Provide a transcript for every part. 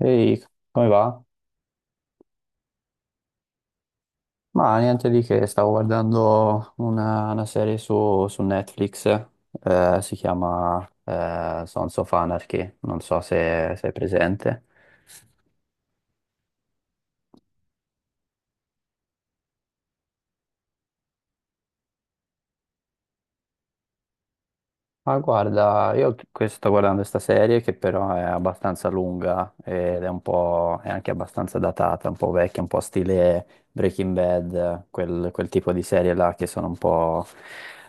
Ehi, come va? Ma niente di che, stavo guardando una serie su Netflix, si chiama Sons of Anarchy, non so se sei presente. Ma guarda, sto guardando questa serie che però è abbastanza lunga ed è un po', è anche abbastanza datata, un po' vecchia, un po' stile Breaking Bad, quel tipo di serie là che sono un po',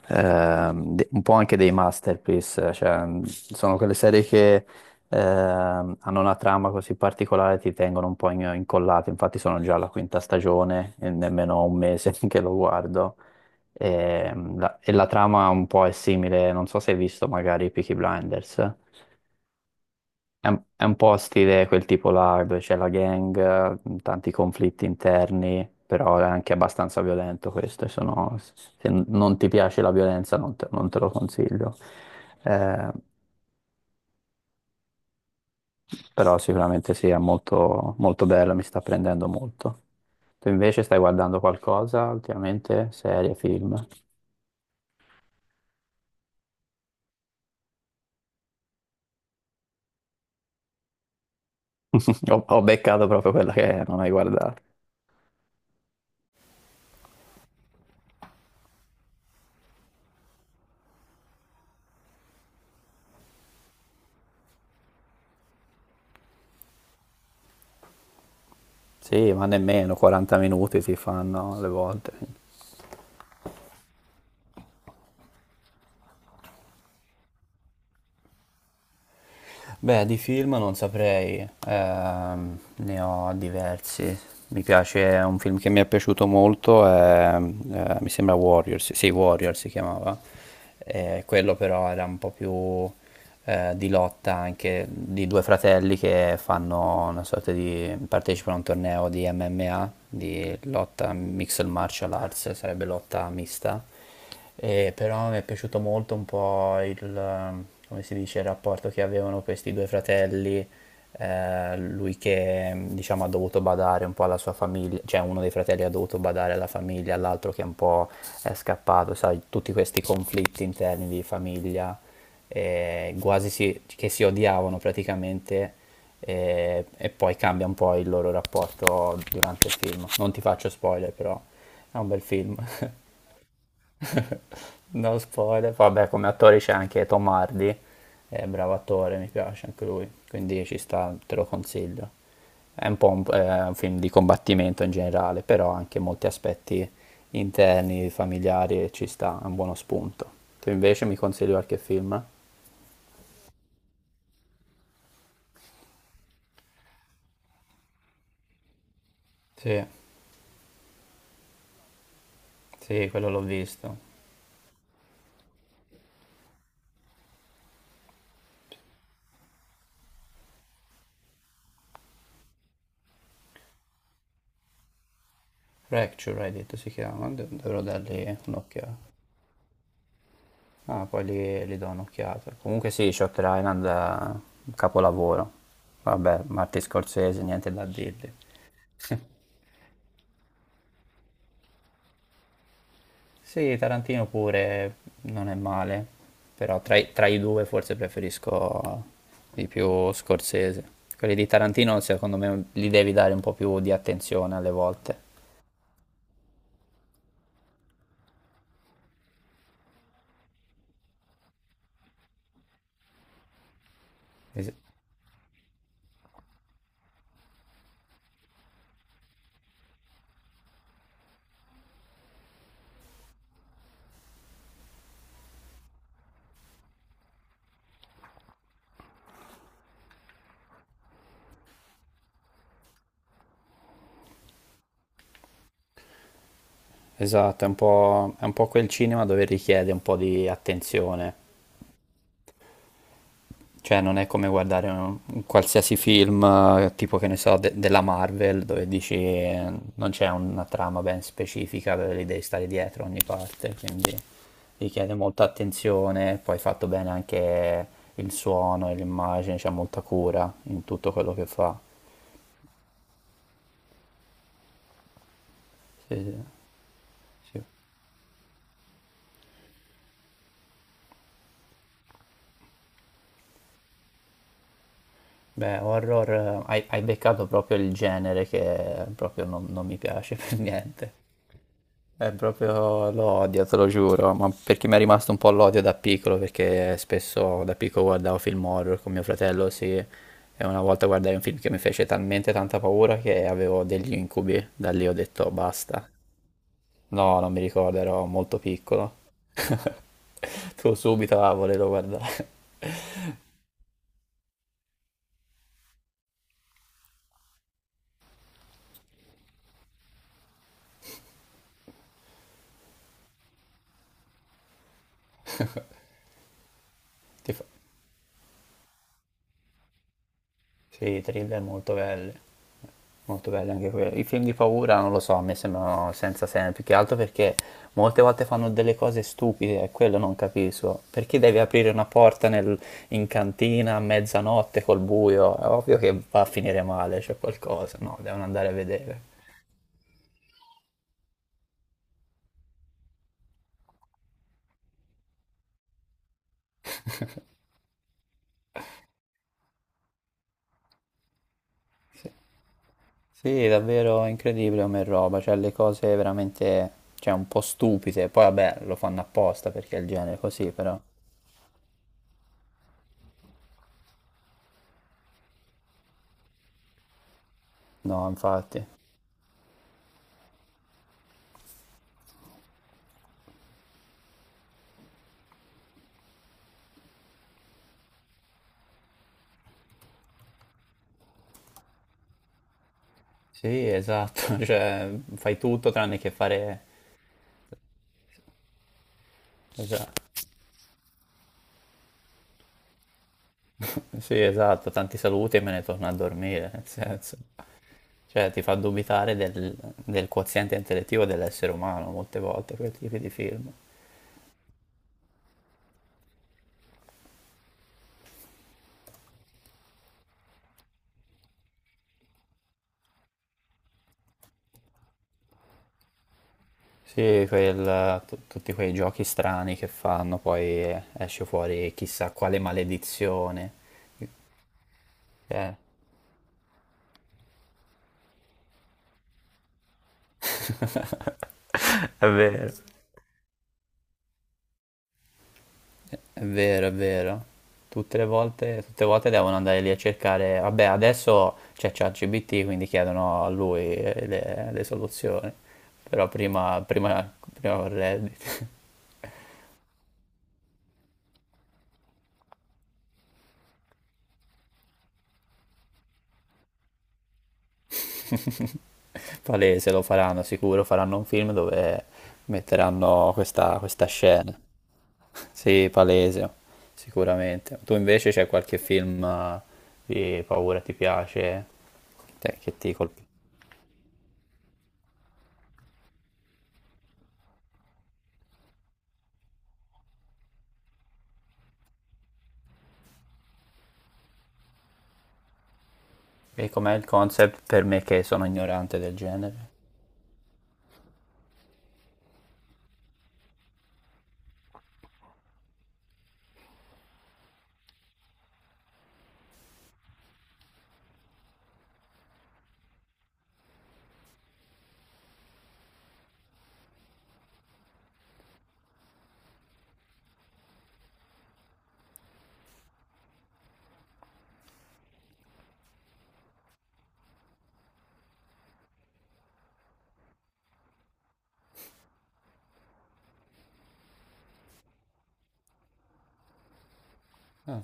un po' anche dei masterpiece, cioè sono quelle serie che hanno una trama così particolare e ti tengono un po' incollato, infatti sono già alla quinta stagione e nemmeno ho un mese che lo guardo. E la trama un po' è simile, non so se hai visto magari Peaky Blinders, è un po' stile quel tipo là, dove c'è la gang, tanti conflitti interni, però è anche abbastanza violento questo, e se non ti piace la violenza non te lo consiglio. Eh, però sicuramente sì, è molto, molto bello, mi sta prendendo molto. Tu invece stai guardando qualcosa ultimamente? Serie, film? Ho beccato proprio quella che non hai guardato. Sì, ma nemmeno 40 minuti si fanno alle volte. Beh, di film non saprei, ne ho diversi. Mi piace, un film che mi è piaciuto molto è, mi sembra Warriors, sì, Warriors si chiamava. Quello però era un po' più di lotta anche di due fratelli che fanno una sorta di, partecipano a un torneo di MMA, di lotta Mixed Martial Arts, sarebbe lotta mista. E però mi è piaciuto molto un po' il, come si dice, il rapporto che avevano questi due fratelli, lui che diciamo ha dovuto badare un po' alla sua famiglia, cioè uno dei fratelli ha dovuto badare alla famiglia, l'altro che un po' è scappato, sai, tutti questi conflitti interni di famiglia, quasi che si odiavano praticamente. E poi cambia un po' il loro rapporto durante il film. Non ti faccio spoiler, però è un bel film. No spoiler. Vabbè, come attore c'è anche Tom Hardy, è bravo attore, mi piace anche lui, quindi ci sta, te lo consiglio. È un film di combattimento in generale, però anche molti aspetti interni, familiari, e ci sta, è un buono spunto. Tu invece mi consigli qualche film? Sì, sì, quello l'ho visto. Fracture, hai detto, si chiama, dovrò dargli un'occhiata. Ah, li do un'occhiata. Comunque sì, Shutter Island è un capolavoro. Vabbè, Martin Scorsese, niente da dirgli. Sì, Tarantino pure non è male, però tra i due forse preferisco di più Scorsese. Quelli di Tarantino secondo me li devi dare un po' più di attenzione alle volte. Es- esatto, è un po' quel cinema dove richiede un po' di attenzione. Cioè, non è come guardare un qualsiasi film, tipo che ne so, della Marvel, dove dici non c'è una trama ben specifica, dove li devi stare dietro a ogni parte, quindi richiede molta attenzione, poi fatto bene anche il suono e l'immagine, c'è molta cura in tutto quello che fa. Sì, sì, sì. Beh, horror, hai beccato proprio il genere che proprio non mi piace per niente. È proprio l'odio, te lo giuro, ma perché mi è rimasto un po' l'odio da piccolo, perché spesso da piccolo guardavo film horror con mio fratello, sì, e una volta guardai un film che mi fece talmente tanta paura che avevo degli incubi, da lì ho detto basta. No, non mi ricordo, ero molto piccolo. Tu subito a volevo guardare. Ti fa- sì, i thriller molto belli. Molto belli anche quelli. I film di paura non lo so, a me sembrano senza senso, più che altro perché molte volte fanno delle cose stupide, e quello non capisco. Perché devi aprire una porta in cantina a mezzanotte col buio? È ovvio che va a finire male, c'è qualcosa. No, devono andare a vedere. Sì, sì, davvero incredibile come roba, cioè le cose veramente, cioè un po' stupide. Poi vabbè, lo fanno apposta perché è il genere così, però. No, infatti. Sì, esatto, cioè fai tutto tranne che fare... esatto. Sì, esatto, tanti saluti e me ne torno a dormire, nel senso. Cioè ti fa dubitare del, del quoziente intellettivo dell'essere umano molte volte quel tipo di film. Sì, tutti quei giochi strani che fanno, poi esce fuori chissà quale maledizione. Eh. È vero. È vero, è vero. Tutte le volte devono andare lì a cercare. Vabbè, adesso c'è ChatGPT, quindi chiedono a lui le soluzioni. Però prima con Reddit. Palese, lo faranno sicuro. Faranno un film dove metteranno questa scena. Sì, palese, sicuramente. Tu invece c'è qualche film di paura ti piace, che ti colpisce? E com'è il concept per me che sono ignorante del genere? Ah,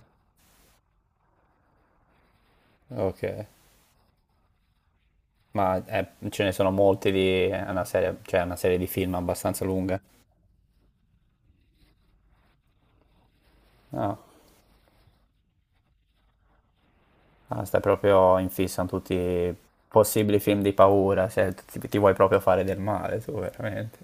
ok. Ma ce ne sono molti di... è una serie, cioè è una serie di film abbastanza lunga. No. Ah, stai proprio in fissa con tutti i possibili film di paura, cioè ti vuoi proprio fare del male tu, veramente.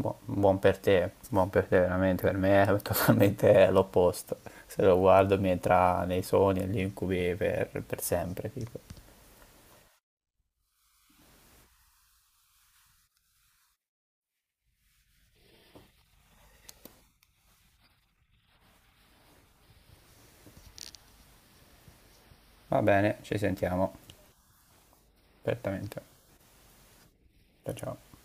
Buon per te veramente, per me è totalmente l'opposto. Se lo guardo mi entra nei sogni e negli incubi per sempre, tipo. Va bene, ci sentiamo, certamente. Ciao ciao.